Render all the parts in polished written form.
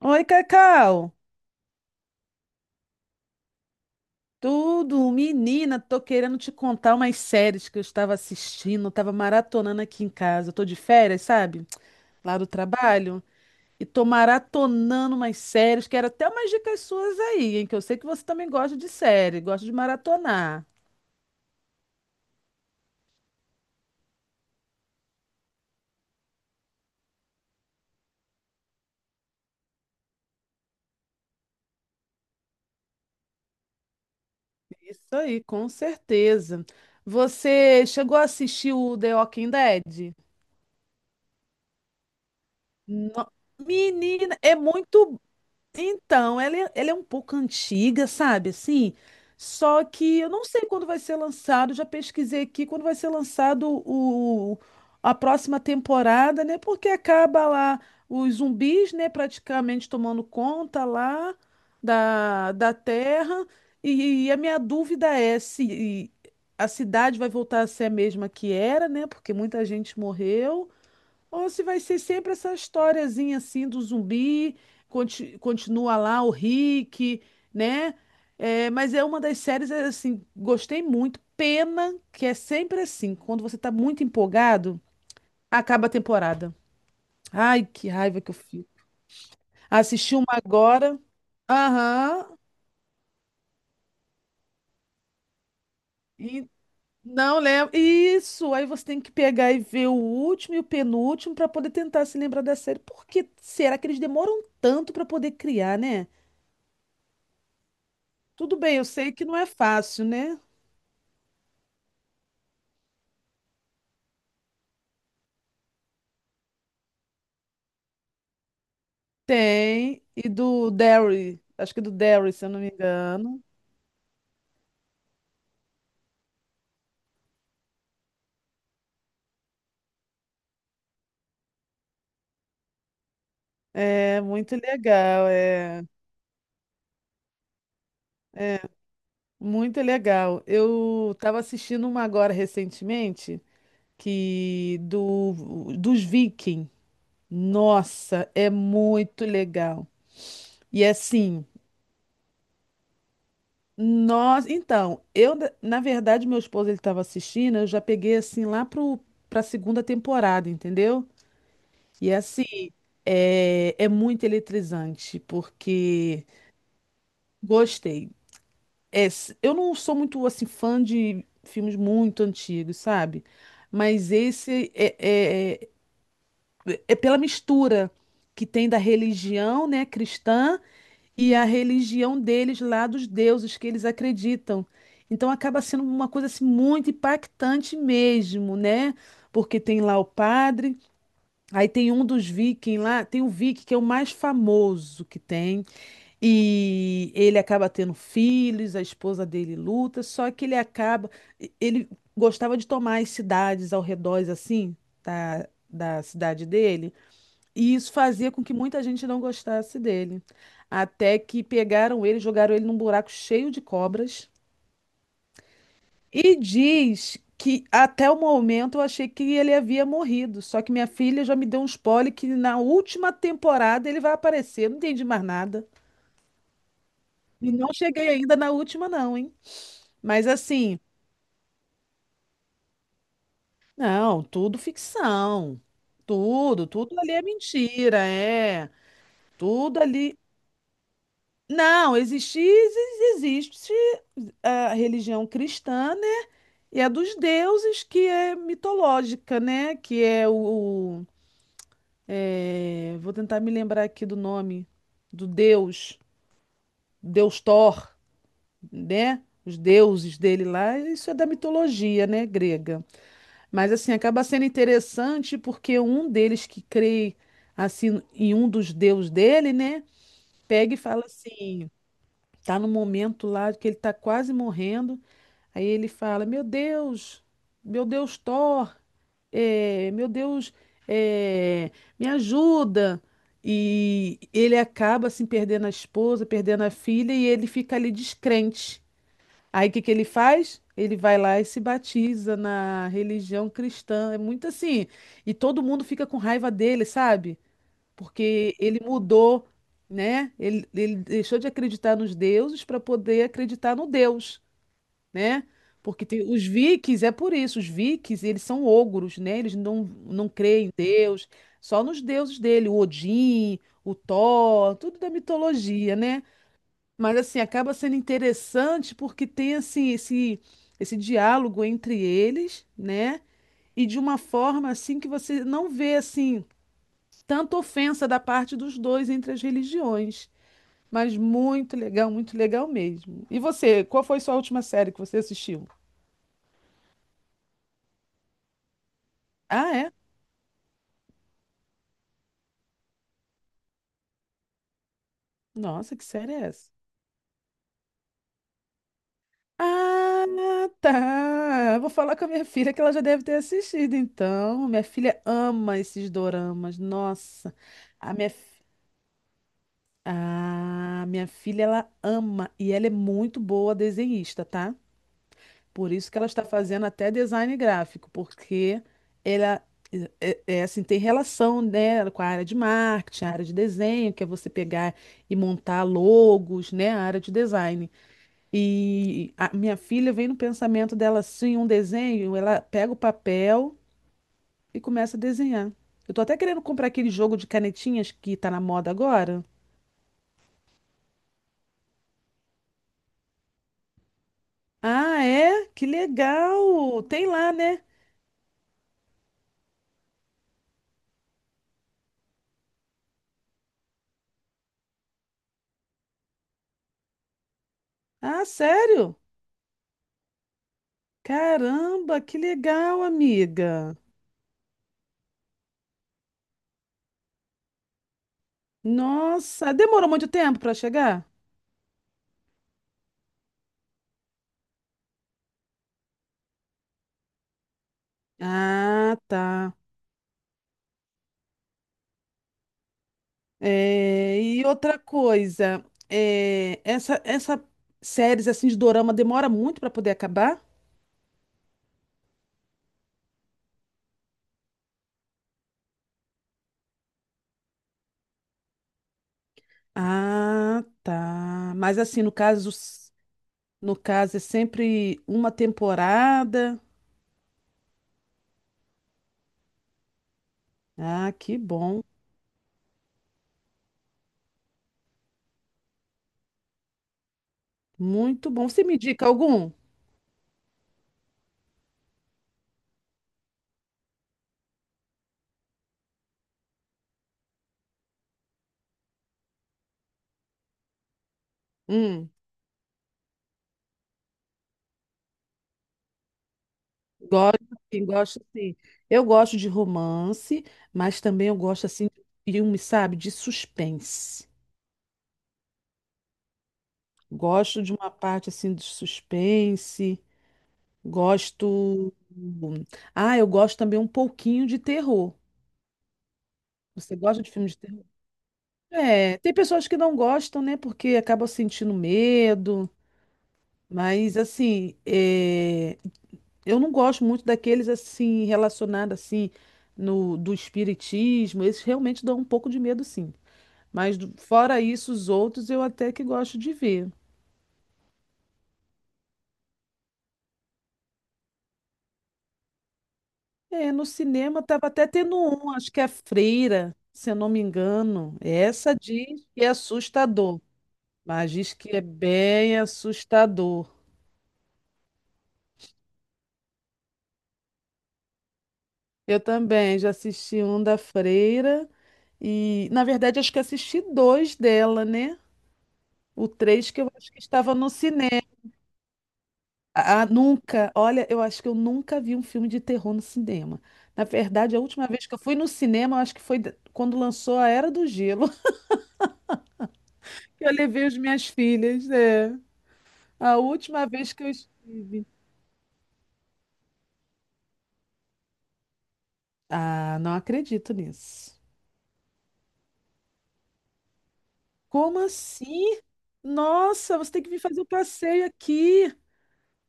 Oi, Cacau. Tudo, menina, tô querendo te contar umas séries que eu estava assistindo, tava maratonando aqui em casa. Eu tô de férias, sabe? Lá do trabalho. E tô maratonando umas séries, quero até umas dicas suas aí, hein? Que eu sei que você também gosta de série, gosta de maratonar. Isso aí, com certeza. Você chegou a assistir o The Walking Dead? No- Menina, é muito. Então, ela é um pouco antiga, sabe? Assim, só que eu não sei quando vai ser lançado. Já pesquisei aqui quando vai ser lançado a próxima temporada, né? Porque acaba lá os zumbis, né? Praticamente tomando conta lá da Terra. E a minha dúvida é se a cidade vai voltar a ser a mesma que era, né? Porque muita gente morreu. Ou se vai ser sempre essa historiazinha assim do zumbi, continua lá o Rick, né? É, mas é uma das séries, é, assim, gostei muito. Pena que é sempre assim, quando você tá muito empolgado, acaba a temporada. Ai, que raiva que eu fico. Assisti uma agora. Aham. E não lembro. Isso, aí você tem que pegar e ver o último e o penúltimo para poder tentar se lembrar da série. Por que será que eles demoram tanto para poder criar, né? Tudo bem, eu sei que não é fácil, né? Tem. E do Derry, acho que do Derry, se eu não me engano. É muito legal, é muito legal. Eu estava assistindo uma agora recentemente, que do dos Vikings. Nossa, é muito legal. E assim, nós, então, eu na verdade meu esposo ele estava assistindo, eu já peguei assim lá pro para segunda temporada, entendeu? E assim, é, é muito eletrizante, porque gostei. É, eu não sou muito assim fã de filmes muito antigos, sabe? Mas esse é, é, é, é pela mistura que tem da religião, né, cristã e a religião deles lá dos deuses que eles acreditam. Então acaba sendo uma coisa assim muito impactante mesmo, né? Porque tem lá o padre, aí tem um dos vikings lá, tem o viking que é o mais famoso que tem. E ele acaba tendo filhos, a esposa dele luta, só que ele acaba. Ele gostava de tomar as cidades ao redor, assim, da cidade dele, e isso fazia com que muita gente não gostasse dele. Até que pegaram ele, jogaram ele num buraco cheio de cobras, e diz que até o momento eu achei que ele havia morrido, só que minha filha já me deu um spoiler que na última temporada ele vai aparecer. Eu não entendi mais nada. E não cheguei ainda na última, não, hein? Mas assim, não, tudo ficção. Tudo, tudo ali é mentira, é. Tudo ali. Não, existe, existe a religião cristã, né? E a dos deuses, que é mitológica, né? Que é é, vou tentar me lembrar aqui do nome do deus, Deus Thor, né? Os deuses dele lá, isso é da mitologia, né, grega. Mas assim, acaba sendo interessante porque um deles que crê assim em um dos deus dele, né, pega e fala assim, tá no momento lá que ele tá quase morrendo, aí ele fala: meu Deus Thor, meu Deus, eh, me ajuda". E ele acaba assim perdendo a esposa, perdendo a filha e ele fica ali descrente. Aí o que que ele faz? Ele vai lá e se batiza na religião cristã. É muito assim. E todo mundo fica com raiva dele, sabe? Porque ele mudou, né? Ele deixou de acreditar nos deuses para poder acreditar no Deus, né? Porque tem, os vikings, é por isso, os vikings, eles são ogros, né? Eles não, não creem em Deus, só nos deuses dele, o Odin, o Thor, tudo da mitologia, né? Mas assim, acaba sendo interessante porque tem assim esse diálogo entre eles, né? E de uma forma assim que você não vê assim tanta ofensa da parte dos dois entre as religiões. Mas muito legal mesmo. E você, qual foi sua última série que você assistiu? Ah, é? Nossa, que série é essa? Ah, tá. Vou falar com a minha filha que ela já deve ter assistido, então. Minha filha ama esses doramas. Nossa, a minha ah, minha filha, ela ama e ela é muito boa desenhista, tá? Por isso que ela está fazendo até design gráfico, porque ela é assim, tem relação, né, com a área de marketing, a área de desenho, que é você pegar e montar logos, né, a área de design. E a minha filha vem no pensamento dela assim, um desenho, ela pega o papel e começa a desenhar. Eu tô até querendo comprar aquele jogo de canetinhas que tá na moda agora. Ah, é? Que legal! Tem lá, né? Ah, sério? Caramba, que legal, amiga. Nossa, demorou muito tempo para chegar? Ah, tá. É, e outra coisa, é, essa séries assim de dorama demora muito para poder acabar? Ah, tá. Mas assim, no caso, no caso é sempre uma temporada. Ah, que bom. Muito bom. Você me indica algum? Hum. Gosto, sim, gosto sim. Eu gosto de romance, mas também eu gosto assim de filme, sabe, de suspense. Gosto de uma parte assim de suspense. Gosto. Ah, eu gosto também um pouquinho de terror. Você gosta de filme de terror? É, tem pessoas que não gostam, né, porque acabam sentindo medo. Mas assim, é, eu não gosto muito daqueles assim relacionados assim no do espiritismo. Esses realmente dão um pouco de medo, sim. Mas fora isso, os outros eu até que gosto de ver. É, no cinema estava até tendo um, acho que é Freira, se eu não me engano. Essa diz que é assustador, mas diz que é bem assustador. Eu também já assisti um da Freira e, na verdade, acho que assisti dois dela, né? O três que eu acho que estava no cinema. Ah, ah, nunca. Olha, eu acho que eu nunca vi um filme de terror no cinema. Na verdade, a última vez que eu fui no cinema, eu acho que foi quando lançou A Era do Gelo, que eu levei as minhas filhas. É. A última vez que eu estive. Ah, não acredito nisso. Como assim? Nossa, você tem que vir fazer o passeio aqui.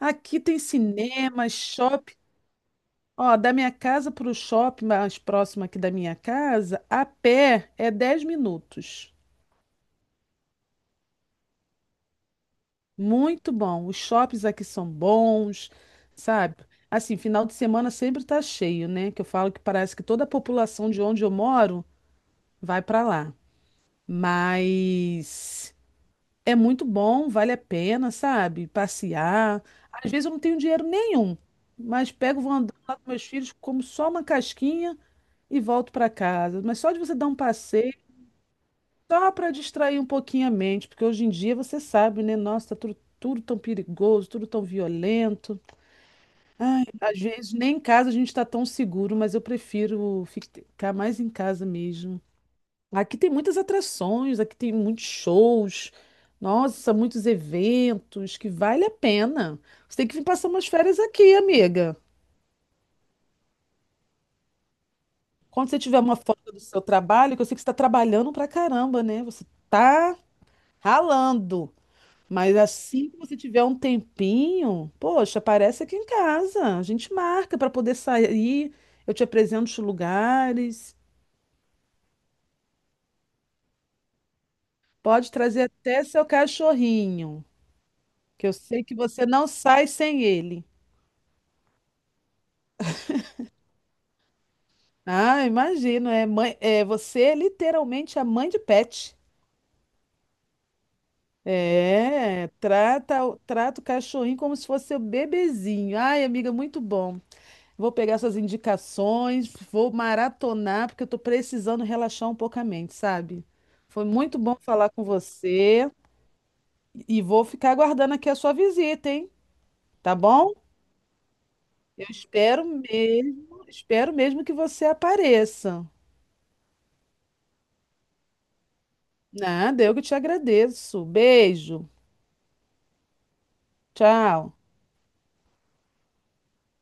Aqui tem cinema, shopping. Ó, da minha casa para o shopping mais próximo aqui da minha casa, a pé é 10 minutos. Muito bom. Os shoppings aqui são bons, sabe? Assim, final de semana sempre tá cheio, né? Que eu falo que parece que toda a população de onde eu moro vai para lá. Mas é muito bom, vale a pena, sabe? Passear. Às vezes eu não tenho dinheiro nenhum, mas pego, vou andando lá com meus filhos, como só uma casquinha e volto para casa. Mas só de você dar um passeio só para distrair um pouquinho a mente, porque hoje em dia você sabe, né? Nossa, tá tudo, tudo tão perigoso, tudo tão violento. Ai, às vezes nem em casa a gente está tão seguro, mas eu prefiro ficar mais em casa mesmo. Aqui tem muitas atrações, aqui tem muitos shows, nossa, muitos eventos que vale a pena. Você tem que vir passar umas férias aqui, amiga. Quando você tiver uma folga do seu trabalho, que eu sei que você está trabalhando pra caramba, né? Você tá ralando. Mas assim que você tiver um tempinho, poxa, aparece aqui em casa. A gente marca para poder sair. Eu te apresento os lugares. Pode trazer até seu cachorrinho, que eu sei que você não sai sem ele. Ah, imagino, é mãe, é você é literalmente a mãe de pet. É, trata, trata o cachorrinho como se fosse seu bebezinho. Ai, amiga, muito bom. Vou pegar suas indicações, vou maratonar, porque eu tô precisando relaxar um pouco a mente, sabe? Foi muito bom falar com você e vou ficar aguardando aqui a sua visita, hein? Tá bom? Eu espero mesmo que você apareça. Nada, eu que te agradeço. Beijo. Tchau.